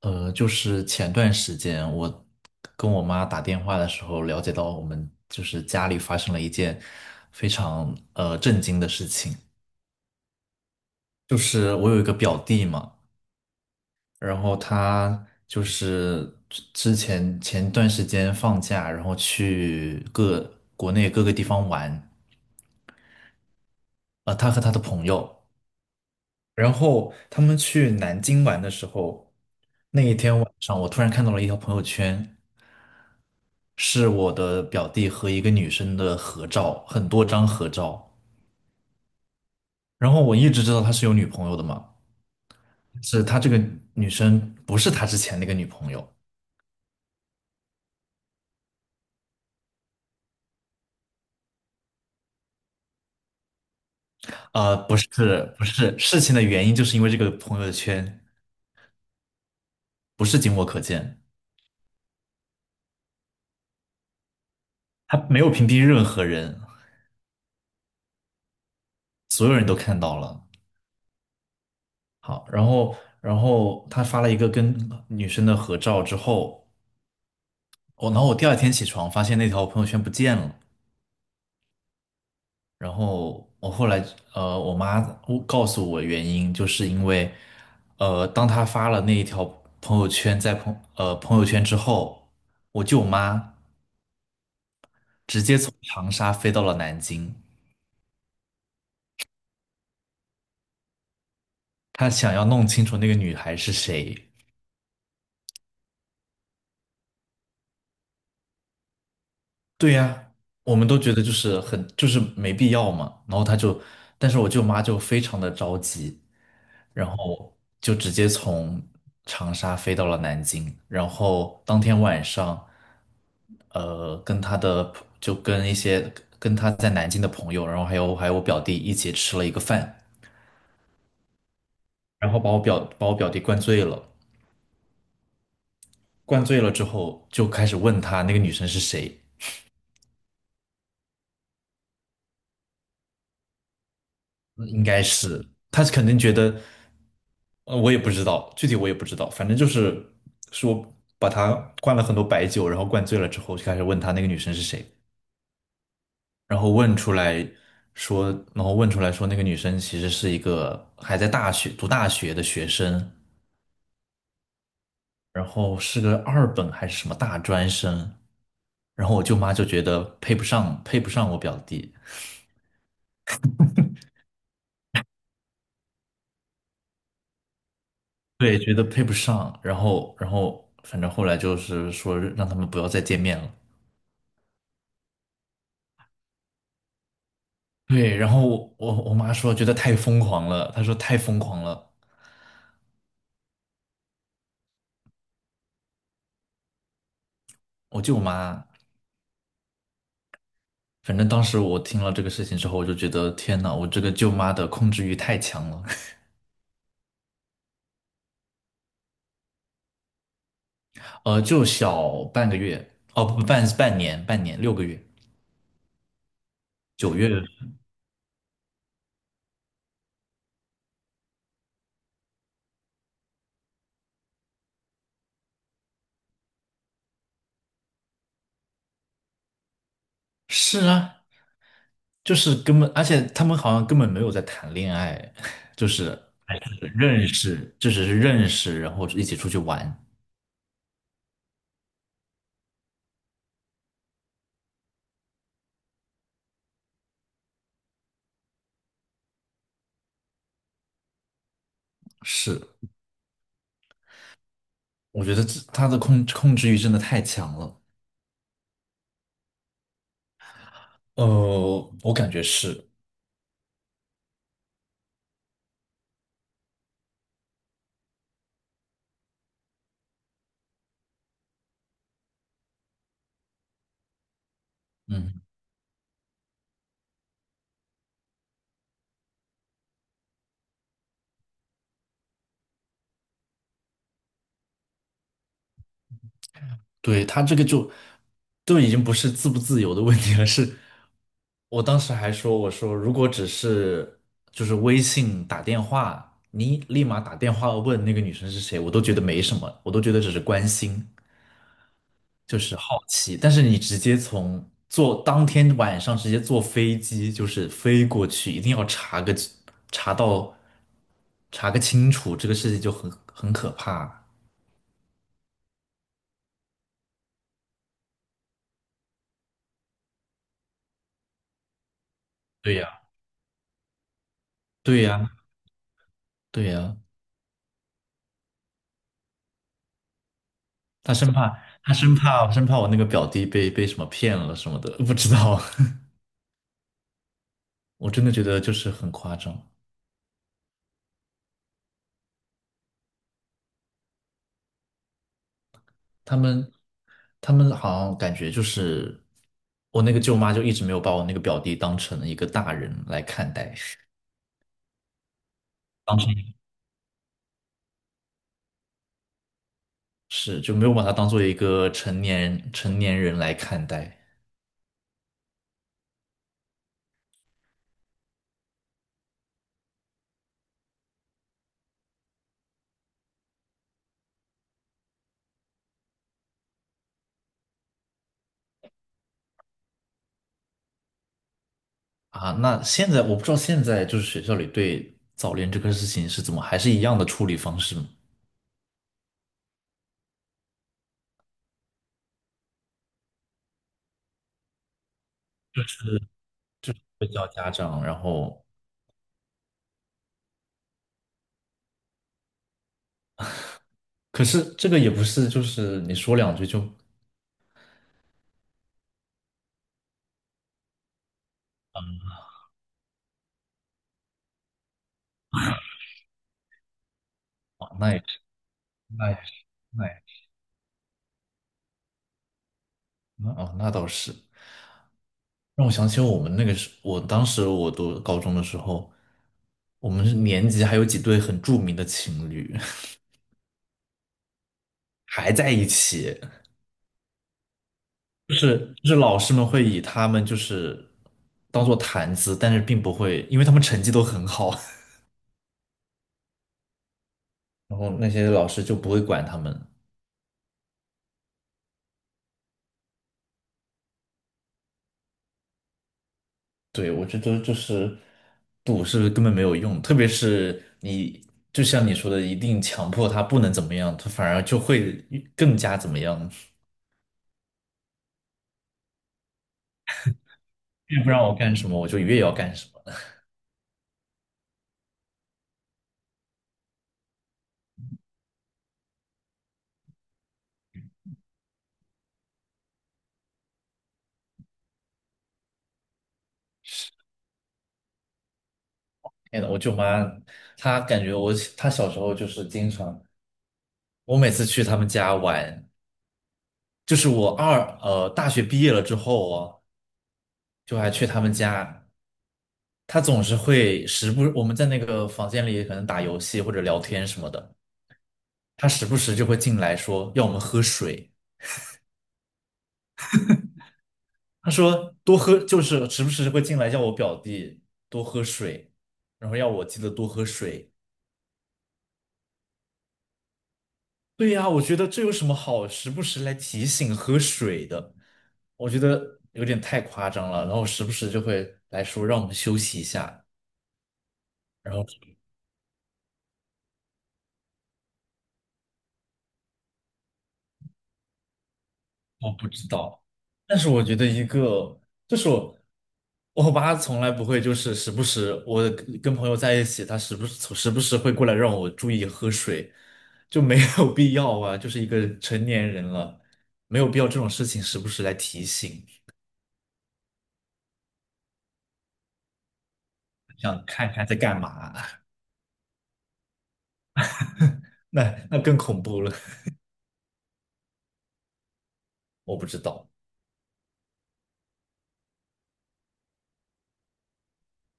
就是前段时间我跟我妈打电话的时候，了解到我们就是家里发生了一件非常震惊的事情，就是我有一个表弟嘛。然后他就是之前前段时间放假，然后去国内各个地方玩，他和他的朋友。然后他们去南京玩的时候，那一天晚上，我突然看到了一条朋友圈，是我的表弟和一个女生的合照，很多张合照。然后我一直知道他是有女朋友的嘛，是他这个女生不是他之前那个女朋友。不是不是，事情的原因就是因为这个朋友圈不是仅我可见，他没有屏蔽任何人，所有人都看到了。好。然后他发了一个跟女生的合照之后，然后我第二天起床发现那条朋友圈不见了。然后我后来我妈我告诉我原因，就是因为当他发了那一条朋友圈朋友圈之后，我舅妈直接从长沙飞到了南京，她想要弄清楚那个女孩是谁。对呀，我们都觉得就是很就是没必要嘛。然后他就，但是我舅妈就非常的着急，然后就直接从长沙飞到了南京。然后当天晚上，跟他的朋就跟一些跟他在南京的朋友，然后还有我表弟一起吃了一个饭，然后把我表弟灌醉了，灌醉了之后就开始问他那个女生是谁。嗯应该是他肯定觉得，我也不知道，具体我也不知道，反正就是说把他灌了很多白酒，然后灌醉了之后，就开始问他那个女生是谁。然后问出来说，那个女生其实是一个还在读大学的学生，然后是个二本还是什么大专生。然后我舅妈就觉得配不上，配不上我表弟。对，觉得配不上。然后，反正后来就是说让他们不要再见面了。对，然后我妈说觉得太疯狂了，她说太疯狂了。我舅妈，反正当时我听了这个事情之后，我就觉得天呐，我这个舅妈的控制欲太强了。就小半个月，哦不，半年，半年六个月，九月。是啊，就是根本，而且他们好像根本没有在谈恋爱。就是哎，认识，就只是认识，然后一起出去玩。是，我觉得这他的控制欲真的太强了。我感觉是。嗯，对，他这个就已经不是自不自由的问题了，是我当时还说，我说如果只是就是微信打电话，你立马打电话问那个女生是谁，我都觉得没什么，我都觉得只是关心，就是好奇。但是你直接当天晚上直接坐飞机，就是飞过去，一定要查到查个清楚，这个事情就很可怕。对呀，对呀，对呀。他生怕他生怕生怕我那个表弟被什么骗了什么的，不知道。我真的觉得就是很夸张。他们他们好像感觉就是我那个舅妈就一直没有把我那个表弟当成一个大人来看待，当成是就没有把他当做一个成年人来看待。啊。那现在我不知道现在就是学校里对早恋这个事情是怎么，还是一样的处理方式吗？会叫家长，然后可是这个也不是就是你说两句就哦，那也是，那也是，那也是，那哦，那倒是。让我想起我们那个时，我当时我读高中的时候，我们是年级还有几对很著名的情侣。 还在一起，就是老师们会以他们就是当做谈资，但是并不会，因为他们成绩都很好。然后那些老师就不会管他们。对，我觉得就是赌是根本没有用，特别是你就像你说的，一定强迫他不能怎么样，他反而就会更加怎么样。越不让我干什么，我就越要干什么。天呐，我舅妈她感觉我，她小时候就是经常，我每次去他们家玩，就是大学毕业了之后哦，就还去他们家，她总是会时不，我们在那个房间里可能打游戏或者聊天什么的。他时不时就会进来说要我们喝水，他说多喝，就是时不时就会进来叫我表弟多喝水，然后要我记得多喝水。对呀，我觉得这有什么好时不时来提醒喝水的？我觉得有点太夸张了。然后时不时就会来说让我们休息一下，然后。我不知道。但是我觉得一个就是我，我爸从来不会就是时不时我跟朋友在一起，他时不时会过来让我注意喝水，就没有必要啊，就是一个成年人了，没有必要这种事情时不时来提醒，想看看在干嘛。那那更恐怖了。我不知道，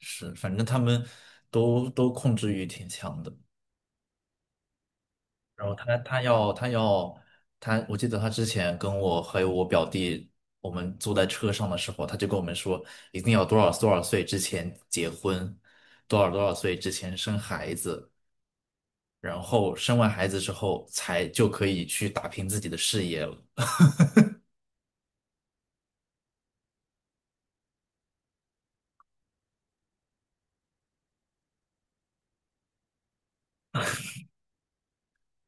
是反正他们都控制欲挺强的。然后他他要他要他，我记得他之前跟我还有我表弟，我们坐在车上的时候，他就跟我们说，一定要多少多少岁之前结婚，多少多少岁之前生孩子，然后生完孩子之后才就可以去打拼自己的事业了。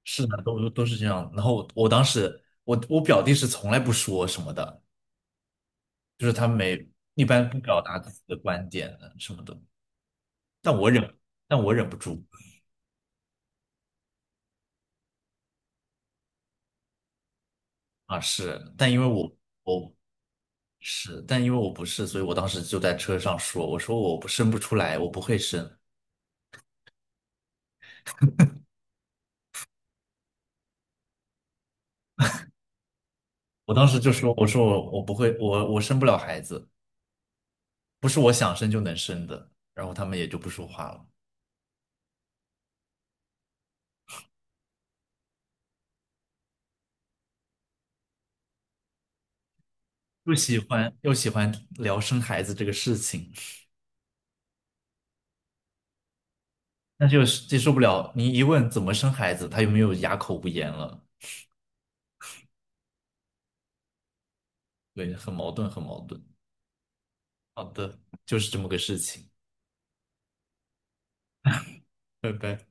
是的，都是这样。然后我当时我表弟是从来不说什么的，就是他没一般不表达自己的观点啊什么的，但我忍，但我忍不住。啊，是，但因为我是，但因为我不是，所以我当时就在车上说，我说我不生不出来，我不会生。我当时就说，我说我不会，我生不了孩子，不是我想生就能生的。然后他们也就不说话了。又喜欢聊生孩子这个事情，但是又接受不了你一问怎么生孩子，他又没有哑口无言了。对，很矛盾，很矛盾。好的，就是这么个事情，拜拜。